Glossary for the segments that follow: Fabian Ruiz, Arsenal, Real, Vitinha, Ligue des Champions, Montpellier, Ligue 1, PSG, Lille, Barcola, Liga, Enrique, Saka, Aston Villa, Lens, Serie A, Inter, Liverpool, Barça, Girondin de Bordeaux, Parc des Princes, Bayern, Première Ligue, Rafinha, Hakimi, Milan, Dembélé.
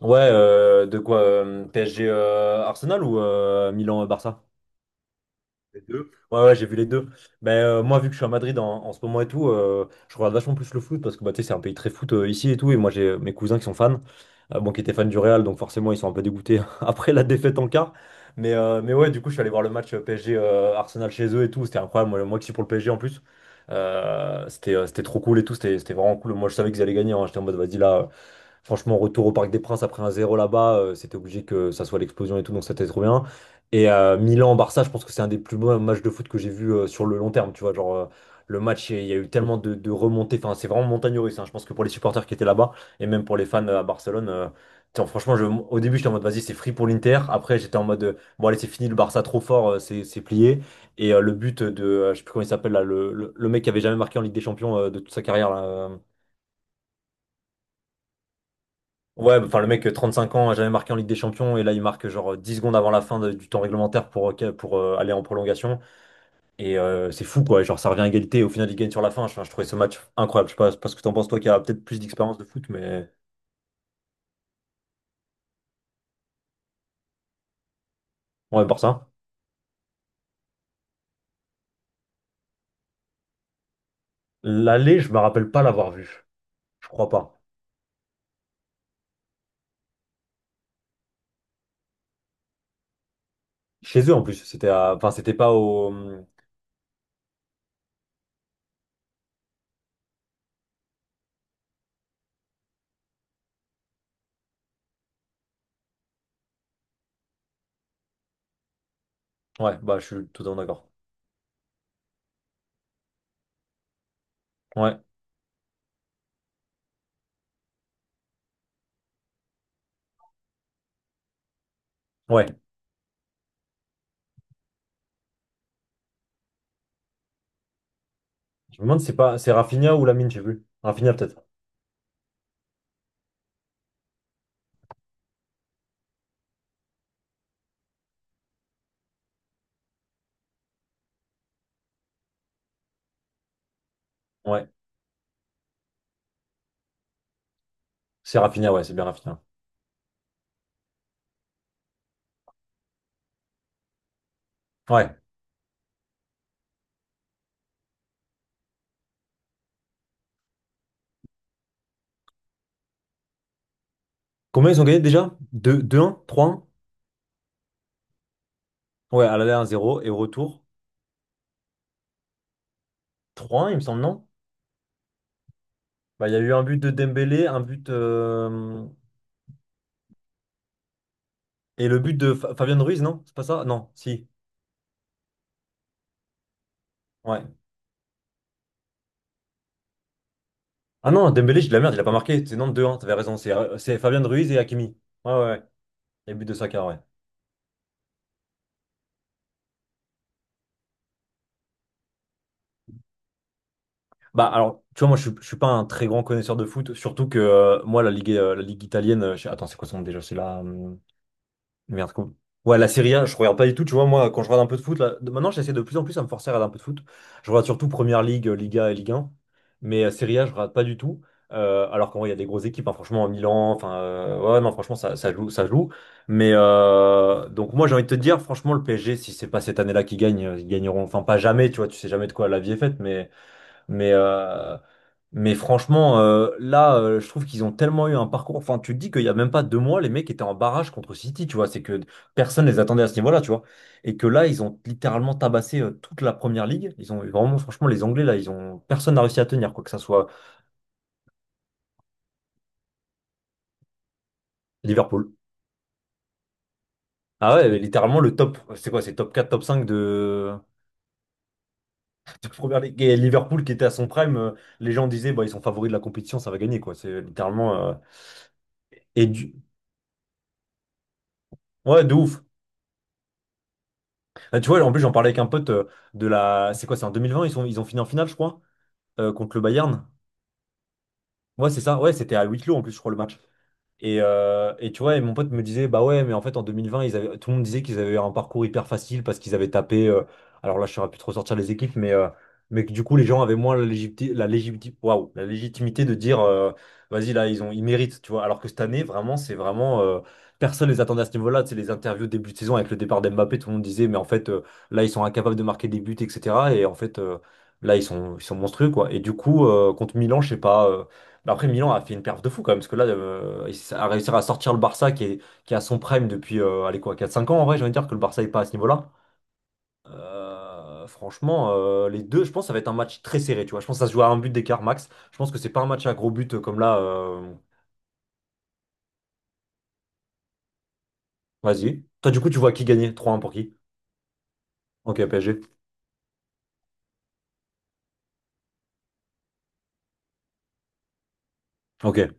Ouais, de quoi, PSG, Arsenal ou Milan, Barça? Ouais, ouais, j'ai vu les deux. Mais moi, vu que je suis à Madrid en ce moment et tout, je regarde vachement plus le foot parce que bah, tu sais, c'est un pays très foot ici et tout. Et moi, j'ai mes cousins qui sont fans, bon, qui étaient fans du Real, donc forcément, ils sont un peu dégoûtés après la défaite en quart. Mais ouais, du coup, je suis allé voir le match PSG, Arsenal chez eux et tout. C'était incroyable. Moi qui suis pour le PSG en plus, c'était trop cool et tout. C'était vraiment cool. Moi, je savais qu'ils allaient gagner, hein. J'étais en mode, vas-y là. Franchement, retour au Parc des Princes après un zéro là-bas, c'était obligé que ça soit l'explosion et tout, donc c'était trop bien. Et Milan-Barça, je pense que c'est un des plus beaux matchs de foot que j'ai vu sur le long terme, tu vois. Genre, le match, il y a eu tellement de remontées, enfin, c'est vraiment montagne russe, hein. Je pense que pour les supporters qui étaient là-bas et même pour les fans à Barcelone, tiens, franchement, au début, j'étais en mode, vas-y, c'est free pour l'Inter. Après, j'étais en mode, bon, allez, c'est fini, le Barça trop fort, c'est plié. Et le but de, je sais plus comment il s'appelle là, le mec qui avait jamais marqué en Ligue des Champions de toute sa carrière là. Ouais, enfin le mec, 35 ans, a jamais marqué en Ligue des Champions, et là il marque genre 10 secondes avant la fin du temps réglementaire pour aller en prolongation. Et c'est fou quoi, genre ça revient à égalité, et au final il gagne sur la fin. Enfin, je trouvais ce match incroyable. Je sais pas, parce que t'en penses toi qui a peut-être plus d'expérience de foot, mais ouais, par ça. L'aller, je me rappelle pas l'avoir vu. Je crois pas. Chez eux en plus, c'était à... enfin c'était pas au. Ouais, bah je suis totalement d'accord. Ouais, ouais. Je me demande si c'est pas c'est Rafinha ou Lamine, j'ai vu. Rafinha peut-être. Ouais, c'est Rafinha, ouais, c'est bien Rafinha. Ouais. Combien ils ont gagné déjà? 2, 2-1? 3-1? Ouais, à l'aller 1 zéro et au retour trois 1 il me semble, non? Bah, il y a eu un but de Dembélé, un but et le but de Fabian Ruiz, non? C'est pas ça? Non, si. Ouais. Ah non, Dembélé, j'ai de la merde, il a pas marqué. C'est non deux 1 t'avais raison. C'est Fabian Ruiz et Hakimi. Ouais, ouais, ouais. Et but de Saka, ouais. Bah alors, tu vois, moi je suis pas un très grand connaisseur de foot, surtout que moi la ligue italienne, attends, c'est quoi son nom déjà? C'est là. Merde, com- Ouais, la Serie A, je regarde pas du tout. Tu vois, moi, quand je regarde un peu de foot, maintenant, j'essaie de plus en plus à me forcer à regarder un peu de foot. Je regarde surtout Première Ligue, Liga et Ligue 1. Mais Serie A, je regarde pas du tout. Alors qu'en vrai, il y a des grosses équipes, hein, franchement, Milan. Enfin, ouais, non, franchement, ça joue, ça joue. Mais donc, moi, j'ai envie de te dire, franchement, le PSG, si c'est pas cette année-là qu'ils gagnent, ils gagneront. Enfin, pas jamais, tu vois, tu sais jamais de quoi la vie est faite. Mais, euh, mais franchement, je trouve qu'ils ont tellement eu un parcours. Enfin, tu te dis qu'il n'y a même pas deux mois, les mecs étaient en barrage contre City, tu vois. C'est que personne les attendait à ce niveau-là, tu vois. Et que là, ils ont littéralement tabassé toute la première ligue. Ils ont vraiment, franchement, les Anglais, là, ils ont personne n'a réussi à tenir, quoi que ça soit Liverpool. Ah ouais, mais littéralement le top, c'est quoi, c'est top 4, top 5 de première ligue. Et Liverpool qui était à son prime, les gens disaient, bah, ils sont favoris de la compétition, ça va gagner, quoi. C'est littéralement. Et du... Ouais, de ouf. Ah, tu vois, en plus, j'en parlais avec un pote de la. C'est quoi, c'est en 2020, ils sont... ils ont fini en finale, je crois, contre le Bayern. Ouais, c'est ça. Ouais, c'était à huis clos en plus, je crois, le match. Et tu vois, et mon pote me disait, bah ouais, mais en fait en 2020, ils avaient, tout le monde disait qu'ils avaient eu un parcours hyper facile parce qu'ils avaient tapé, alors là je saurais plus trop sortir les équipes, mais mais que du coup les gens avaient moins la légitimité, la légitimité de dire, vas-y là, ils ont, ils méritent, tu vois. Alors que cette année, vraiment, c'est vraiment, personne les attendait à ce niveau-là. Tu sais, les interviews début de saison avec le départ d'Mbappé, tout le monde disait, mais en fait là, ils sont incapables de marquer des buts, etc. Et en fait, là, ils sont monstrueux, quoi. Et du coup, contre Milan, je sais pas. Mais après, Milan a fait une perf de fou quand même, parce que là, il a réussi à sortir le Barça qui est à son prime depuis allez, quoi, quatre cinq ans en vrai, j'ai envie de dire que le Barça n'est pas à ce niveau-là. Franchement, les deux, je pense que ça va être un match très serré, tu vois. Je pense que ça se joue à un but d'écart max. Je pense que c'est pas un match à gros but comme là. Vas-y. Toi, du coup, tu vois qui gagner? Trois un pour qui? Ok, PSG. Ok,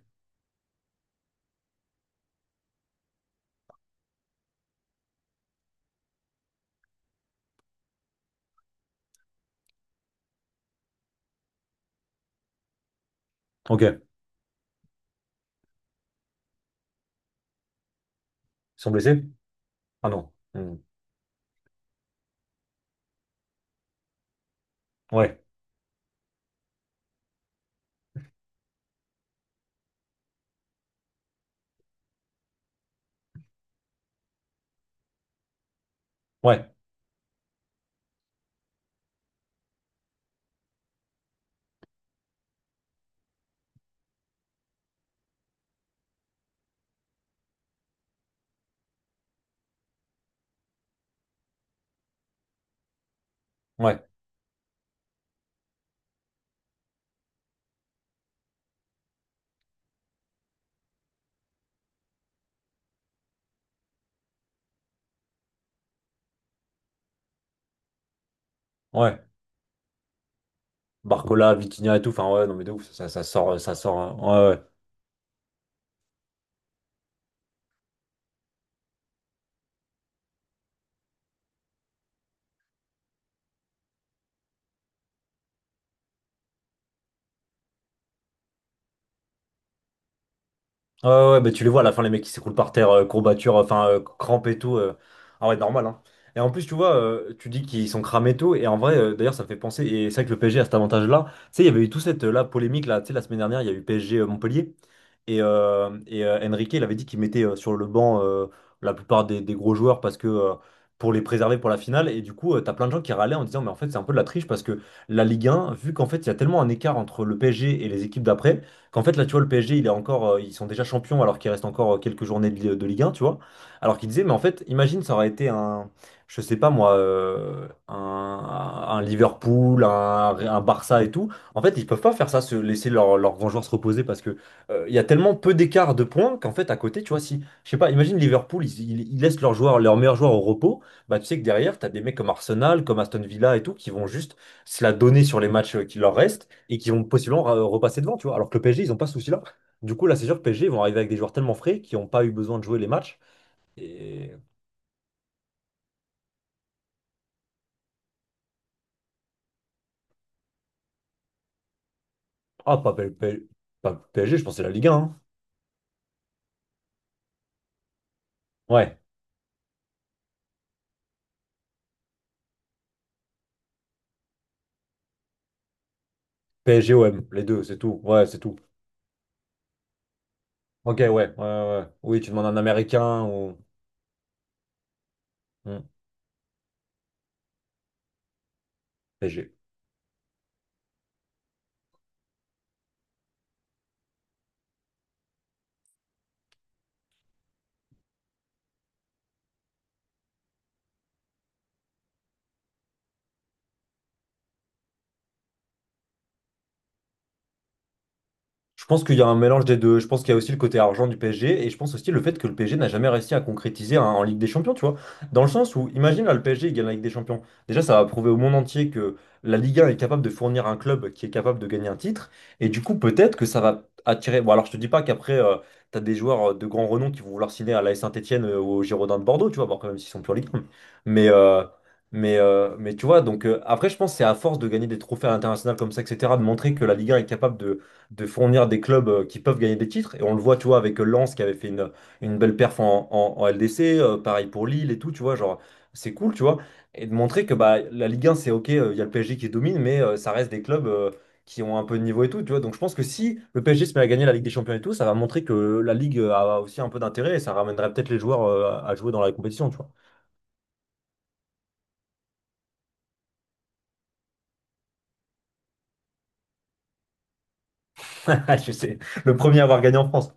ok. Ils sont blessés? Ah non. Hmm. Ouais, ouais, ouais, ouais. Barcola, Vitinha et tout, enfin ouais, non mais de ouf, ça sort, ça sort. Ouais, ouais. Ouais, ouais, mais tu les vois à la fin, les mecs qui s'écroulent par terre, courbature, enfin, crampe et tout. Ah ouais, normal, hein. Et en plus, tu vois, tu dis qu'ils sont cramés et tout, et en vrai, d'ailleurs, ça me fait penser, et c'est vrai que le PSG a cet avantage-là. Tu sais, il y avait eu toute cette là, polémique, là, tu sais, la semaine dernière, il y a eu PSG Montpellier, et Enrique, il avait dit qu'il mettait sur le banc la plupart des gros joueurs parce que. Pour les préserver pour la finale et du coup t'as plein de gens qui râlaient en disant mais en fait c'est un peu de la triche parce que la Ligue 1 vu qu'en fait il y a tellement un écart entre le PSG et les équipes d'après qu'en fait, là, tu vois, le PSG, il est encore, ils sont déjà champions alors qu'il reste encore quelques journées de, de Ligue 1, tu vois. Alors qu'il disait, mais en fait, imagine, ça aurait été un, je sais pas moi, un Liverpool, un Barça et tout. En fait, ils peuvent pas faire ça, se laisser leurs grands joueurs se reposer parce que il y a tellement peu d'écart de points qu'en fait, à côté, tu vois, si, je sais pas, imagine Liverpool, ils laissent leurs joueurs, leurs meilleurs joueurs au repos, bah tu sais que derrière, t'as des mecs comme Arsenal, comme Aston Villa et tout qui vont juste se la donner sur les matchs qui leur restent et qui vont possiblement repasser devant, tu vois. Alors que le PSG, ils n'ont pas ce souci-là. Du coup, là, c'est sûr que PSG, ils vont arriver avec des joueurs tellement frais qui n'ont pas eu besoin de jouer les matchs. Et... Ah, pas, P- P- pas PSG, je pensais la Ligue 1, hein. Ouais, PSG-OM, les deux, c'est tout. Ouais, c'est tout. Ok, ouais, ouais, ouais, ouais. Oui, tu demandes un Américain ou... Hmm, PSG. Je pense qu'il y a un mélange des deux. Je pense qu'il y a aussi le côté argent du PSG et je pense aussi le fait que le PSG n'a jamais réussi à concrétiser en Ligue des Champions, tu vois. Dans le sens où, imagine là, le PSG il gagne la Ligue des Champions. Déjà, ça va prouver au monde entier que la Ligue 1 est capable de fournir un club qui est capable de gagner un titre. Et du coup, peut-être que ça va attirer. Bon, alors je te dis pas qu'après, tu as des joueurs de grand renom qui vont vouloir signer à l'AS Saint-Étienne ou au Girondin de Bordeaux, tu vois, bon, quand même s'ils sont plus en Ligue 1. Mais, euh, mais tu vois, donc après, je pense que c'est à force de gagner des trophées à l'international comme ça, etc., de montrer que la Ligue 1 est capable de fournir des clubs qui peuvent gagner des titres. Et on le voit, tu vois, avec Lens qui avait fait une belle perf en LDC, pareil pour Lille et tout, tu vois, genre, c'est cool, tu vois. Et de montrer que bah, la Ligue 1, c'est OK, il y a le PSG qui domine, mais ça reste des clubs qui ont un peu de niveau et tout, tu vois. Donc je pense que si le PSG se met à gagner la Ligue des Champions et tout, ça va montrer que la Ligue a aussi un peu d'intérêt et ça ramènerait peut-être les joueurs à jouer dans la compétition, tu vois. Je sais, le premier à avoir gagné en France.